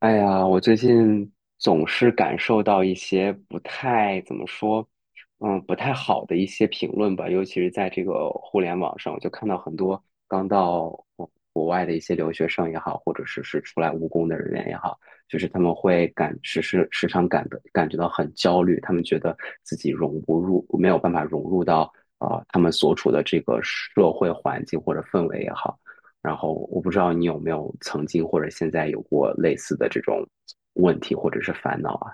哎呀，我最近总是感受到一些不太怎么说，不太好的一些评论吧，尤其是在这个互联网上，我就看到很多刚到国外的一些留学生也好，或者是出来务工的人员也好，就是他们会感时时时常感的感觉到很焦虑，他们觉得自己融不入，没有办法融入到他们所处的这个社会环境或者氛围也好。然后我不知道你有没有曾经或者现在有过类似的这种问题或者是烦恼啊？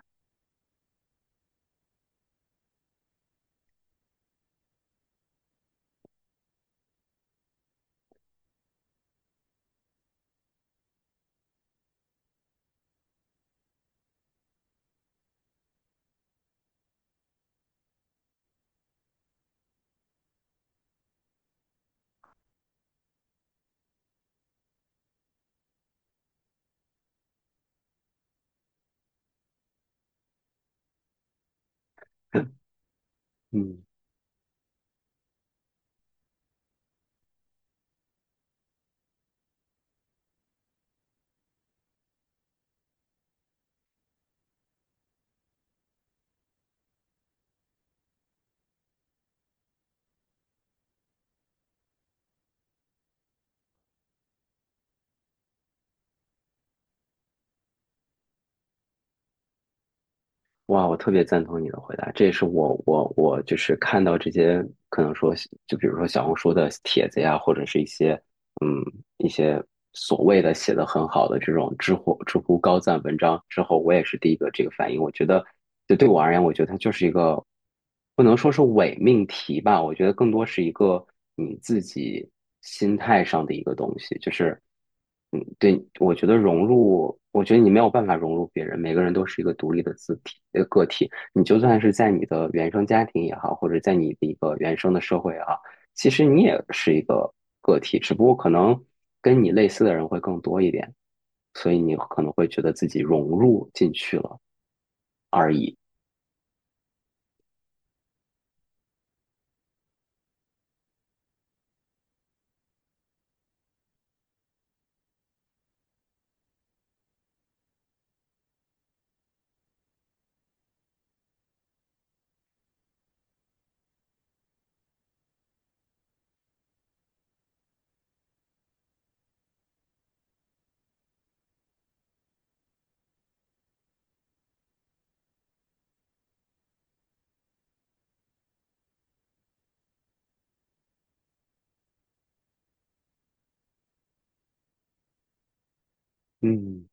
嗯。哇，我特别赞同你的回答，这也是我就是看到这些可能说，就比如说小红书的帖子呀，或者是嗯一些所谓的写的很好的这种知乎高赞文章之后，我也是第一个这个反应。我觉得，就对我而言，我觉得它就是一个不能说是伪命题吧，我觉得更多是一个你自己心态上的一个东西，就是对，我觉得融入，我觉得你没有办法融入别人，每个人都是一个独立的字体，个体。你就算是在你的原生家庭也好，或者在你的一个原生的社会也好，其实你也是一个个体，只不过可能跟你类似的人会更多一点，所以你可能会觉得自己融入进去了而已。嗯，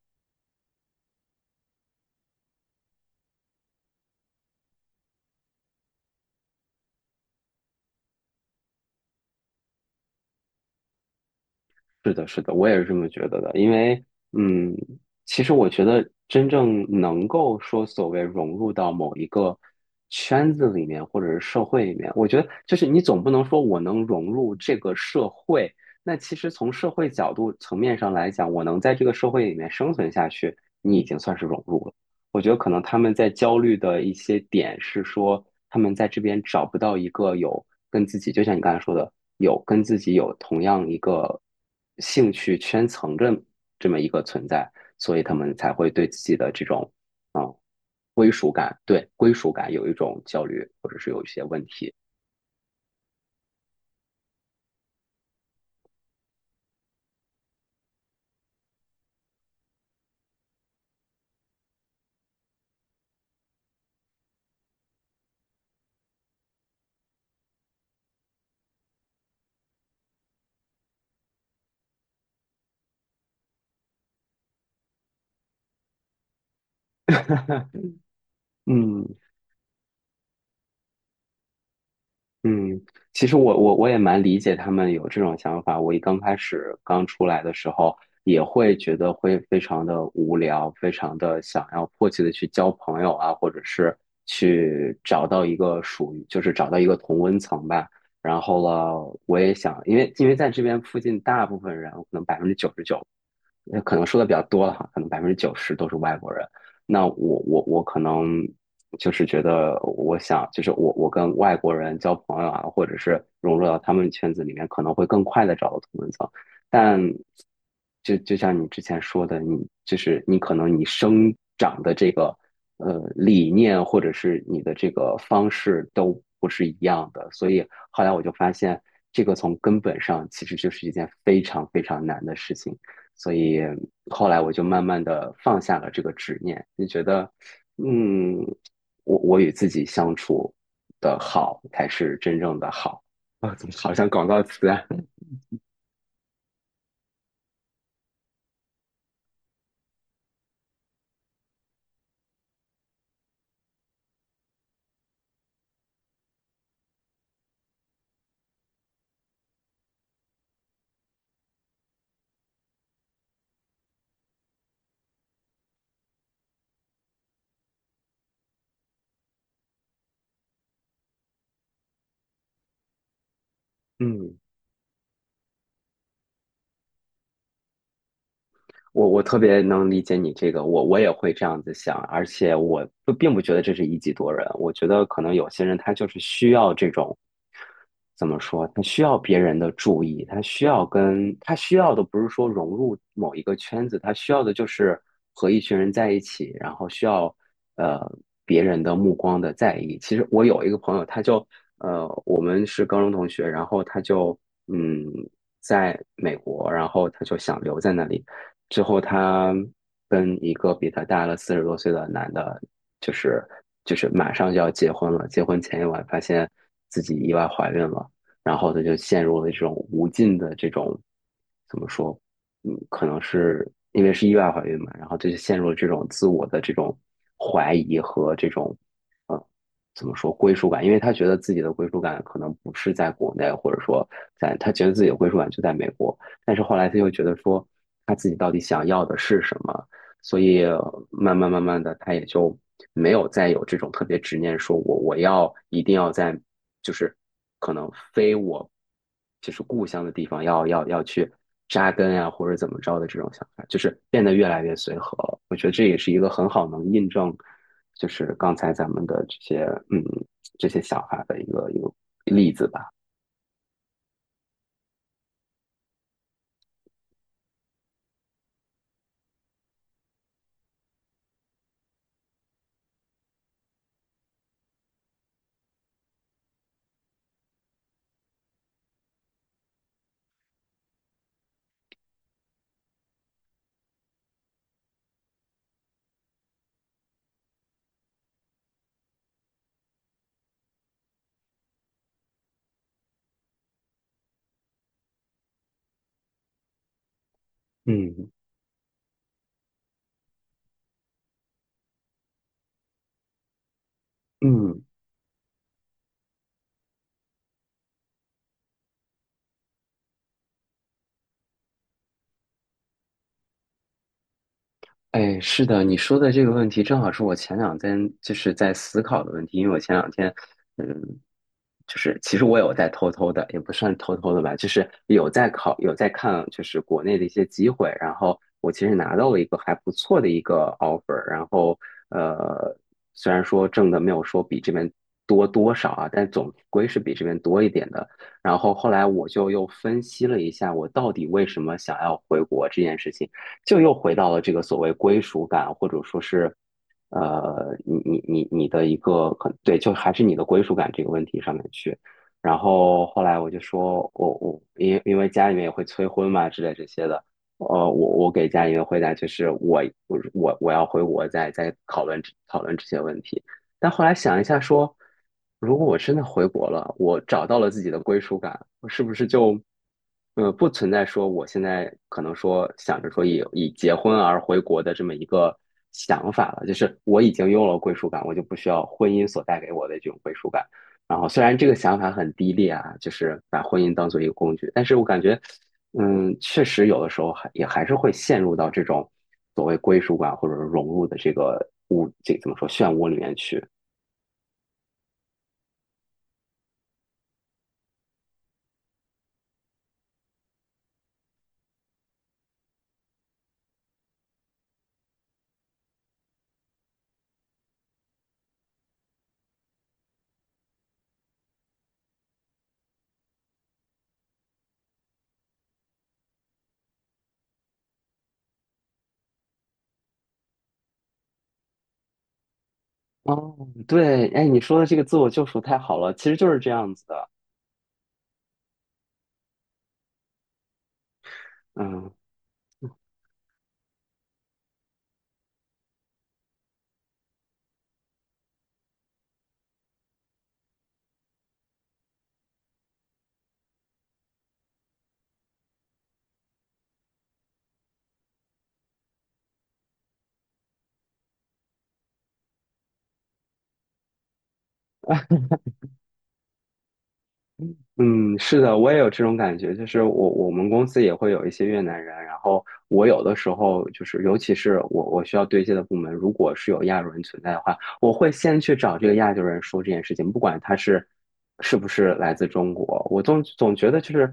是的，是的，我也是这么觉得的。因为，嗯，其实我觉得真正能够说所谓融入到某一个圈子里面，或者是社会里面，我觉得就是你总不能说我能融入这个社会。那其实从社会角度层面上来讲，我能在这个社会里面生存下去，你已经算是融入了。我觉得可能他们在焦虑的一些点是说，他们在这边找不到一个有跟自己，就像你刚才说的，有跟自己有同样一个兴趣圈层的这么一个存在，所以他们才会对自己的这种归属感，对归属感有一种焦虑，或者是有一些问题。嗯，嗯，其实我也蛮理解他们有这种想法。我刚开始刚出来的时候，也会觉得会非常的无聊，非常的想要迫切的去交朋友啊，或者是去找到一个属于，就是找到一个同温层吧。然后了，我也想，因为在这边附近，大部分人可能99%可能说的比较多了哈，可能百分之九十都是外国人。那我可能就是觉得，我想就是我跟外国人交朋友啊，或者是融入到他们圈子里面，可能会更快的找到同文层。但就像你之前说的，你就是你可能你生长的这个理念，或者是你的这个方式都不是一样的，所以后来我就发现，这个从根本上其实就是一件非常非常难的事情。所以后来我就慢慢的放下了这个执念，就觉得，嗯，我与自己相处的好才是真正的好啊，怎么好像广告词啊？嗯，我特别能理解你这个，我也会这样子想，而且我不并不觉得这是一己夺人，我觉得可能有些人他就是需要这种，怎么说，他需要别人的注意，他需要的不是说融入某一个圈子，他需要的就是和一群人在一起，然后需要呃别人的目光的在意。其实我有一个朋友，他就我们是高中同学，然后他就嗯在美国，然后他就想留在那里。最后她跟一个比她大了40多岁的男的，就是就是马上就要结婚了，结婚前一晚发现自己意外怀孕了，然后她就陷入了这种无尽的这种怎么说，可能是因为是意外怀孕嘛，然后她就陷入了这种自我的这种怀疑和这种，呃怎么说归属感，因为她觉得自己的归属感可能不是在国内，或者说在她觉得自己的归属感就在美国，但是后来他又觉得说他自己到底想要的是什么，所以慢慢慢慢的他也就没有再有这种特别执念，说我要一定要在就是可能非我就是故乡的地方要去扎根呀、啊或者怎么着的这种想法，就是变得越来越随和了。我觉得这也是一个很好能印证，就是刚才咱们的这些嗯这些想法的一个一个例子吧。嗯嗯。哎，是的，你说的这个问题正好是我前两天就是在思考的问题，因为我前两天，嗯，就是其实我有在偷偷的，也不算偷偷的吧，就是有在考，有在看，就是国内的一些机会，然后我其实拿到了一个还不错的一个 offer,然后呃，虽然说挣的没有说比这边多多少啊，但总归是比这边多一点的。然后后来我就又分析了一下，我到底为什么想要回国这件事情。就又回到了这个所谓归属感，或者说是，你的一个可对，就还是你的归属感这个问题上面去。然后后来我就说，我因为家里面也会催婚嘛之类这些的，我给家里面回答就是我要回国再讨论讨论这些问题。但后来想一下说，如果我真的回国了，我找到了自己的归属感，我是不是就，不存在说我现在可能说想着说以结婚而回国的这么一个想法了？就是我已经有了归属感，我就不需要婚姻所带给我的这种归属感。然后虽然这个想法很低劣啊，就是把婚姻当做一个工具，但是我感觉，确实有的时候还也还是会陷入到这种所谓归属感或者是融入的这个这怎么说漩涡里面去。哦，对，哎，你说的这个自我救赎太好了，其实就是这样子的，嗯。嗯，是的，我也有这种感觉，就是我们公司也会有一些越南人，然后我有的时候就是，尤其是我需要对接的部门，如果是有亚洲人存在的话，我会先去找这个亚洲人说这件事情，不管他是不是来自中国，我总觉得就是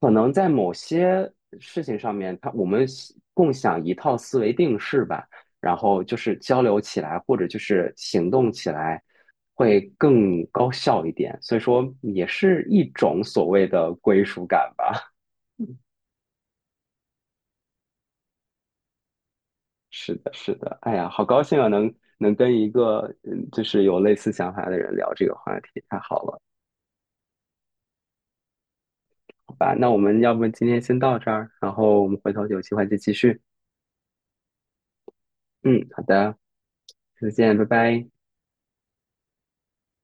可能在某些事情上面，他我们共享一套思维定式吧，然后就是交流起来或者就是行动起来。会更高效一点，所以说也是一种所谓的归属感吧。是的，是的，哎呀，好高兴啊，能跟一个就是有类似想法的人聊这个话题，太好了，好吧？那我们要不今天先到这儿，然后我们回头有机会再继续。嗯，好的，再见，拜拜。